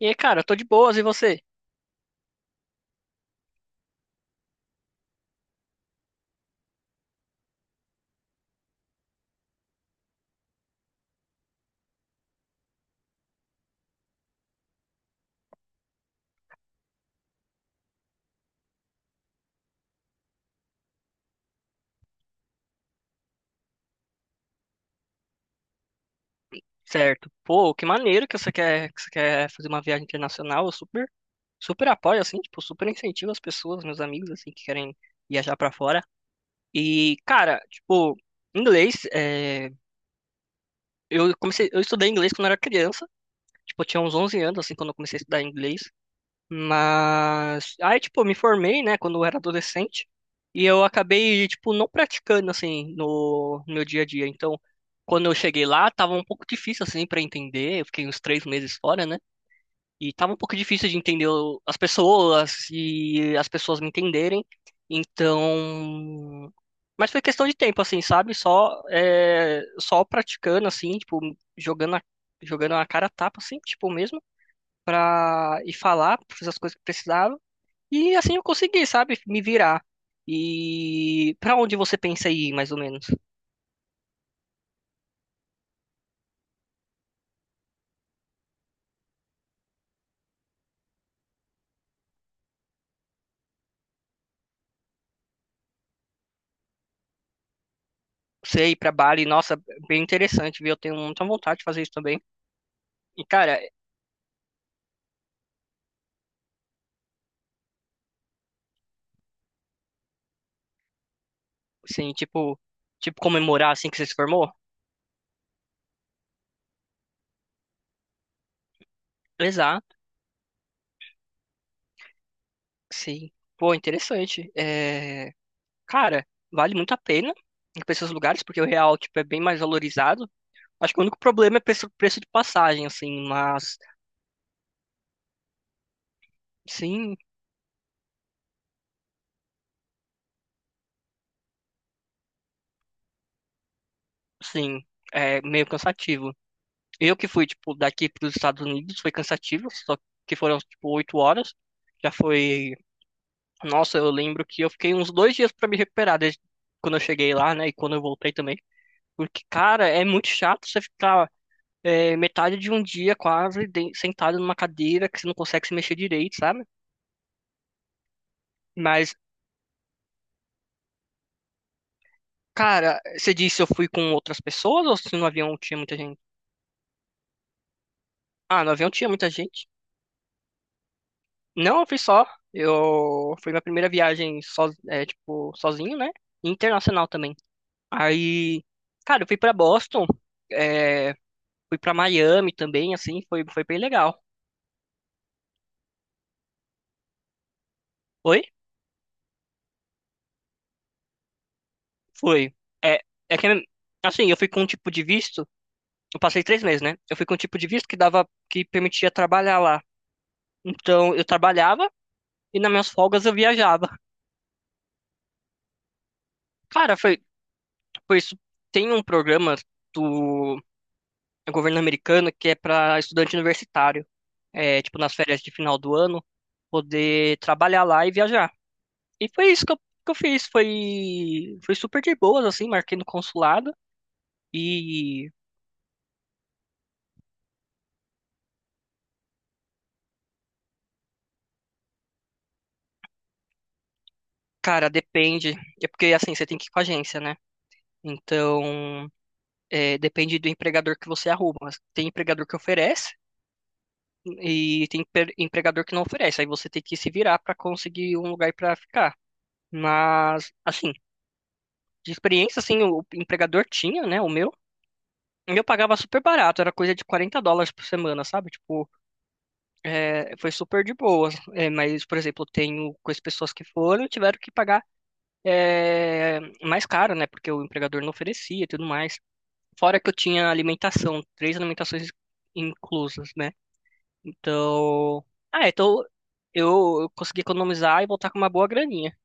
E aí, cara, tô de boas, e você? Certo. Pô, que maneiro que você quer fazer uma viagem internacional. Eu super, super apoio, assim, tipo, super incentivo as pessoas, meus amigos, assim, que querem viajar pra fora. E, cara, tipo, inglês, eu estudei inglês quando eu era criança. Tipo, eu tinha uns 11 anos, assim, quando eu comecei a estudar inglês. Mas aí, tipo, eu me formei, né, quando eu era adolescente, e eu acabei, tipo, não praticando assim no meu dia a dia. Então, quando eu cheguei lá, tava um pouco difícil assim para entender. Eu fiquei uns 3 meses fora, né? E tava um pouco difícil de entender as pessoas e as pessoas me entenderem. Então, mas foi questão de tempo, assim, sabe? Só praticando, assim, tipo, jogando a, jogando a cara a tapa, assim, tipo mesmo, pra ir falar, fazer as coisas que precisava. E assim eu consegui, sabe, me virar. E pra onde você pensa em ir, mais ou menos? Você ir pra Bali, nossa, bem interessante, viu? Eu tenho muita vontade de fazer isso também. E cara, assim, tipo, comemorar assim que você se formou? Exato, sim. Pô, interessante. Cara, vale muito a pena ir pra esses lugares porque o real, tipo, é bem mais valorizado. Acho que o único problema é preço de passagem, assim, mas sim, sim, é meio cansativo. Eu que fui, tipo, daqui para os Estados Unidos, foi cansativo, só que foram, tipo, 8 horas. Já foi. Nossa, eu lembro que eu fiquei uns 2 dias para me recuperar, desde quando eu cheguei lá, né? E quando eu voltei também. Porque, cara, é muito chato você ficar metade de um dia quase sentado numa cadeira que você não consegue se mexer direito, sabe? Mas, cara, você disse eu fui com outras pessoas ou se no avião tinha muita gente? Ah, no avião tinha muita gente. Não, eu fui só. Eu foi minha primeira viagem tipo, sozinho, né? Internacional também. Aí, cara, eu fui pra Boston, é, fui pra Miami também, assim, foi bem legal. Foi? Foi. É, é que assim, eu fui com um tipo de visto, eu passei 3 meses, né? Eu fui com um tipo de visto que permitia trabalhar lá. Então, eu trabalhava e nas minhas folgas eu viajava. Cara, foi por isso tem um programa do governo americano que é pra estudante universitário. Tipo, nas férias de final do ano, poder trabalhar lá e viajar. E foi isso que eu, fiz. Foi, foi super de boas, assim, marquei no consulado. E, cara, depende. É porque, assim, você tem que ir com a agência, né? Então, depende do empregador que você arruma. Tem empregador que oferece e tem empregador que não oferece. Aí você tem que se virar para conseguir um lugar para ficar. Mas, assim, de experiência, assim, o empregador tinha, né? O meu. E eu pagava super barato, era coisa de US$ 40 por semana, sabe? Tipo, foi super de boa. É, mas, por exemplo, tenho com as pessoas que foram, tiveram que pagar é, mais caro, né? Porque o empregador não oferecia e tudo mais. Fora que eu tinha alimentação, três alimentações inclusas, né? Então, então, eu consegui economizar e voltar com uma boa graninha.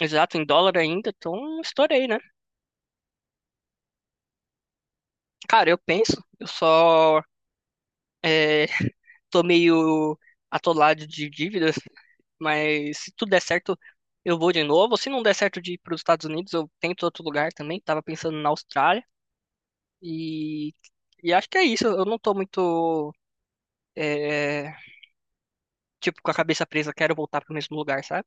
Exato, em dólar ainda, então estourei, né? Cara, eu penso, eu só é, tô meio atolado de dívidas. Mas se tudo der certo, eu vou de novo. Se não der certo de ir para os Estados Unidos, eu tento outro lugar também. Tava pensando na Austrália. E, e acho que é isso. Eu não tô muito, é, tipo, com a cabeça presa. Quero voltar para o mesmo lugar, sabe?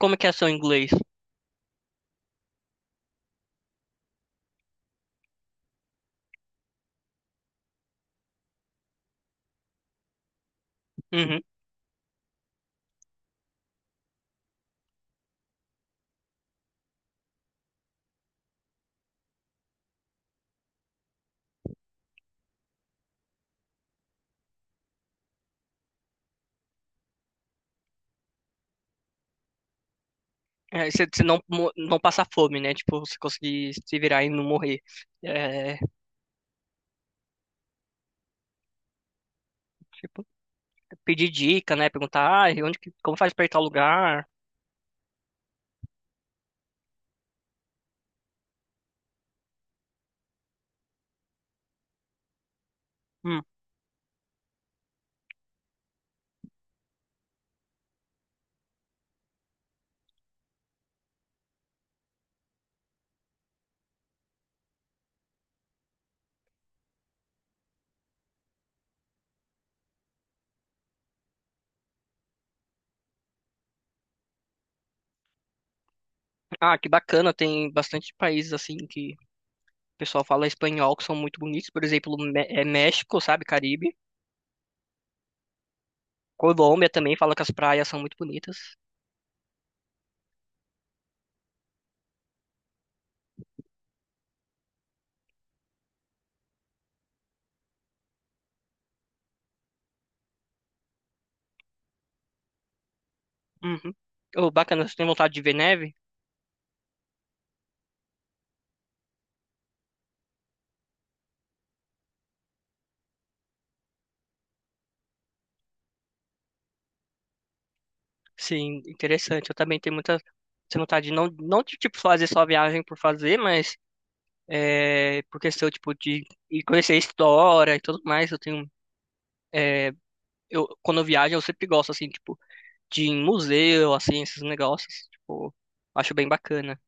Como que é seu inglês? Uhum. É, você não, não passar fome, né? Tipo, você conseguir se virar e não morrer. É, tipo, pedir dica, né? Perguntar, ah, e como faz pra ir tal lugar? Hum, Ah, que bacana, tem bastante países assim que o pessoal fala espanhol que são muito bonitos, por exemplo, México, sabe, Caribe. Colômbia também fala que as praias são muito bonitas. Uhum. Oh, bacana, você tem vontade de ver neve? Sim, interessante. Eu também tenho muita tenho vontade de não, de tipo fazer só viagem por fazer, mas por questão tipo de e conhecer a história e tudo mais. Eu quando eu viajo eu sempre gosto assim, tipo de ir em museu, assim, esses negócios. Tipo, acho bem bacana.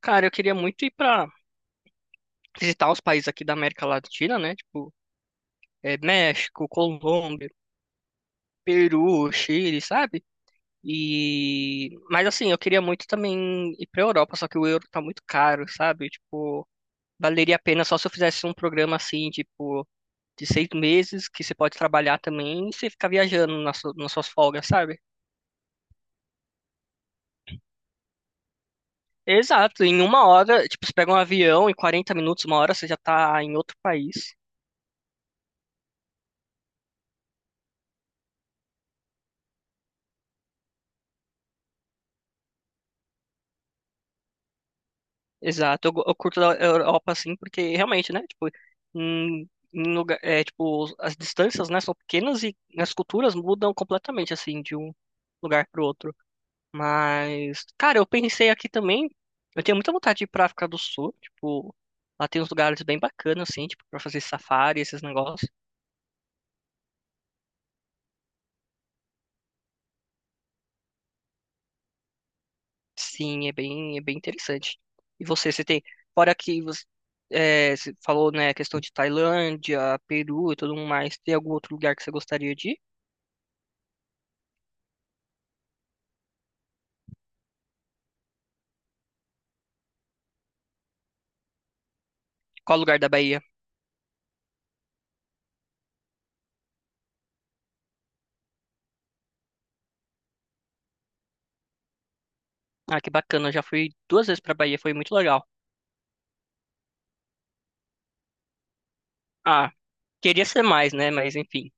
Cara, eu queria muito ir pra visitar os países aqui da América Latina, né? Tipo, México, Colômbia, Peru, Chile, sabe? Mas assim, eu queria muito também ir pra Europa, só que o euro tá muito caro, sabe? Tipo, valeria a pena só se eu fizesse um programa assim, tipo, de 6 meses, que você pode trabalhar também e você ficar viajando nas suas folgas, sabe? Exato, em 1 hora, tipo, você pega um avião, em 40 minutos, 1 hora, você já tá em outro país. Exato, eu curto a Europa assim, porque realmente, né, tipo, em lugar, tipo, as distâncias, né, são pequenas e as culturas mudam completamente, assim, de um lugar pro outro. Mas, cara, eu pensei aqui também, eu tenho muita vontade de ir pra África do Sul, tipo, lá tem uns lugares bem bacanas, assim, tipo, pra fazer safari, esses negócios. Sim, é bem interessante. E você, fora que você, você falou, né, a questão de Tailândia, Peru e tudo mais, tem algum outro lugar que você gostaria de ir? Qual lugar da Bahia? Ah, que bacana, eu já fui 2 vezes pra Bahia, foi muito legal. Ah, queria ser mais, né, mas enfim,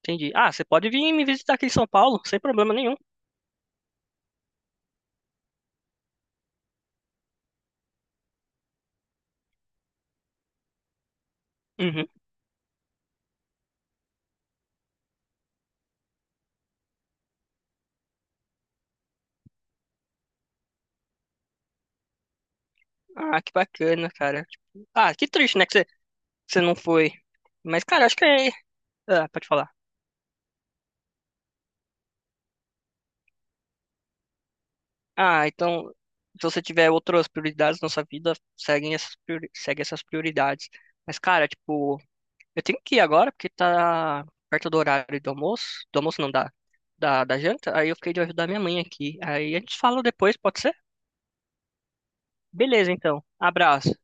entendi. Ah, você pode vir me visitar aqui em São Paulo, sem problema nenhum. Uhum. Ah, que bacana, cara. Tipo, ah, que triste, né, que você não foi. Mas, cara, acho que ah, pode falar. Ah, então, se você tiver outras prioridades na sua vida, segue essas prioridades. Mas, cara, tipo, eu tenho que ir agora porque tá perto do horário do almoço. Do almoço não dá. Da janta. Aí eu fiquei de ajudar minha mãe aqui. Aí a gente fala depois, pode ser? Beleza, então. Abraço.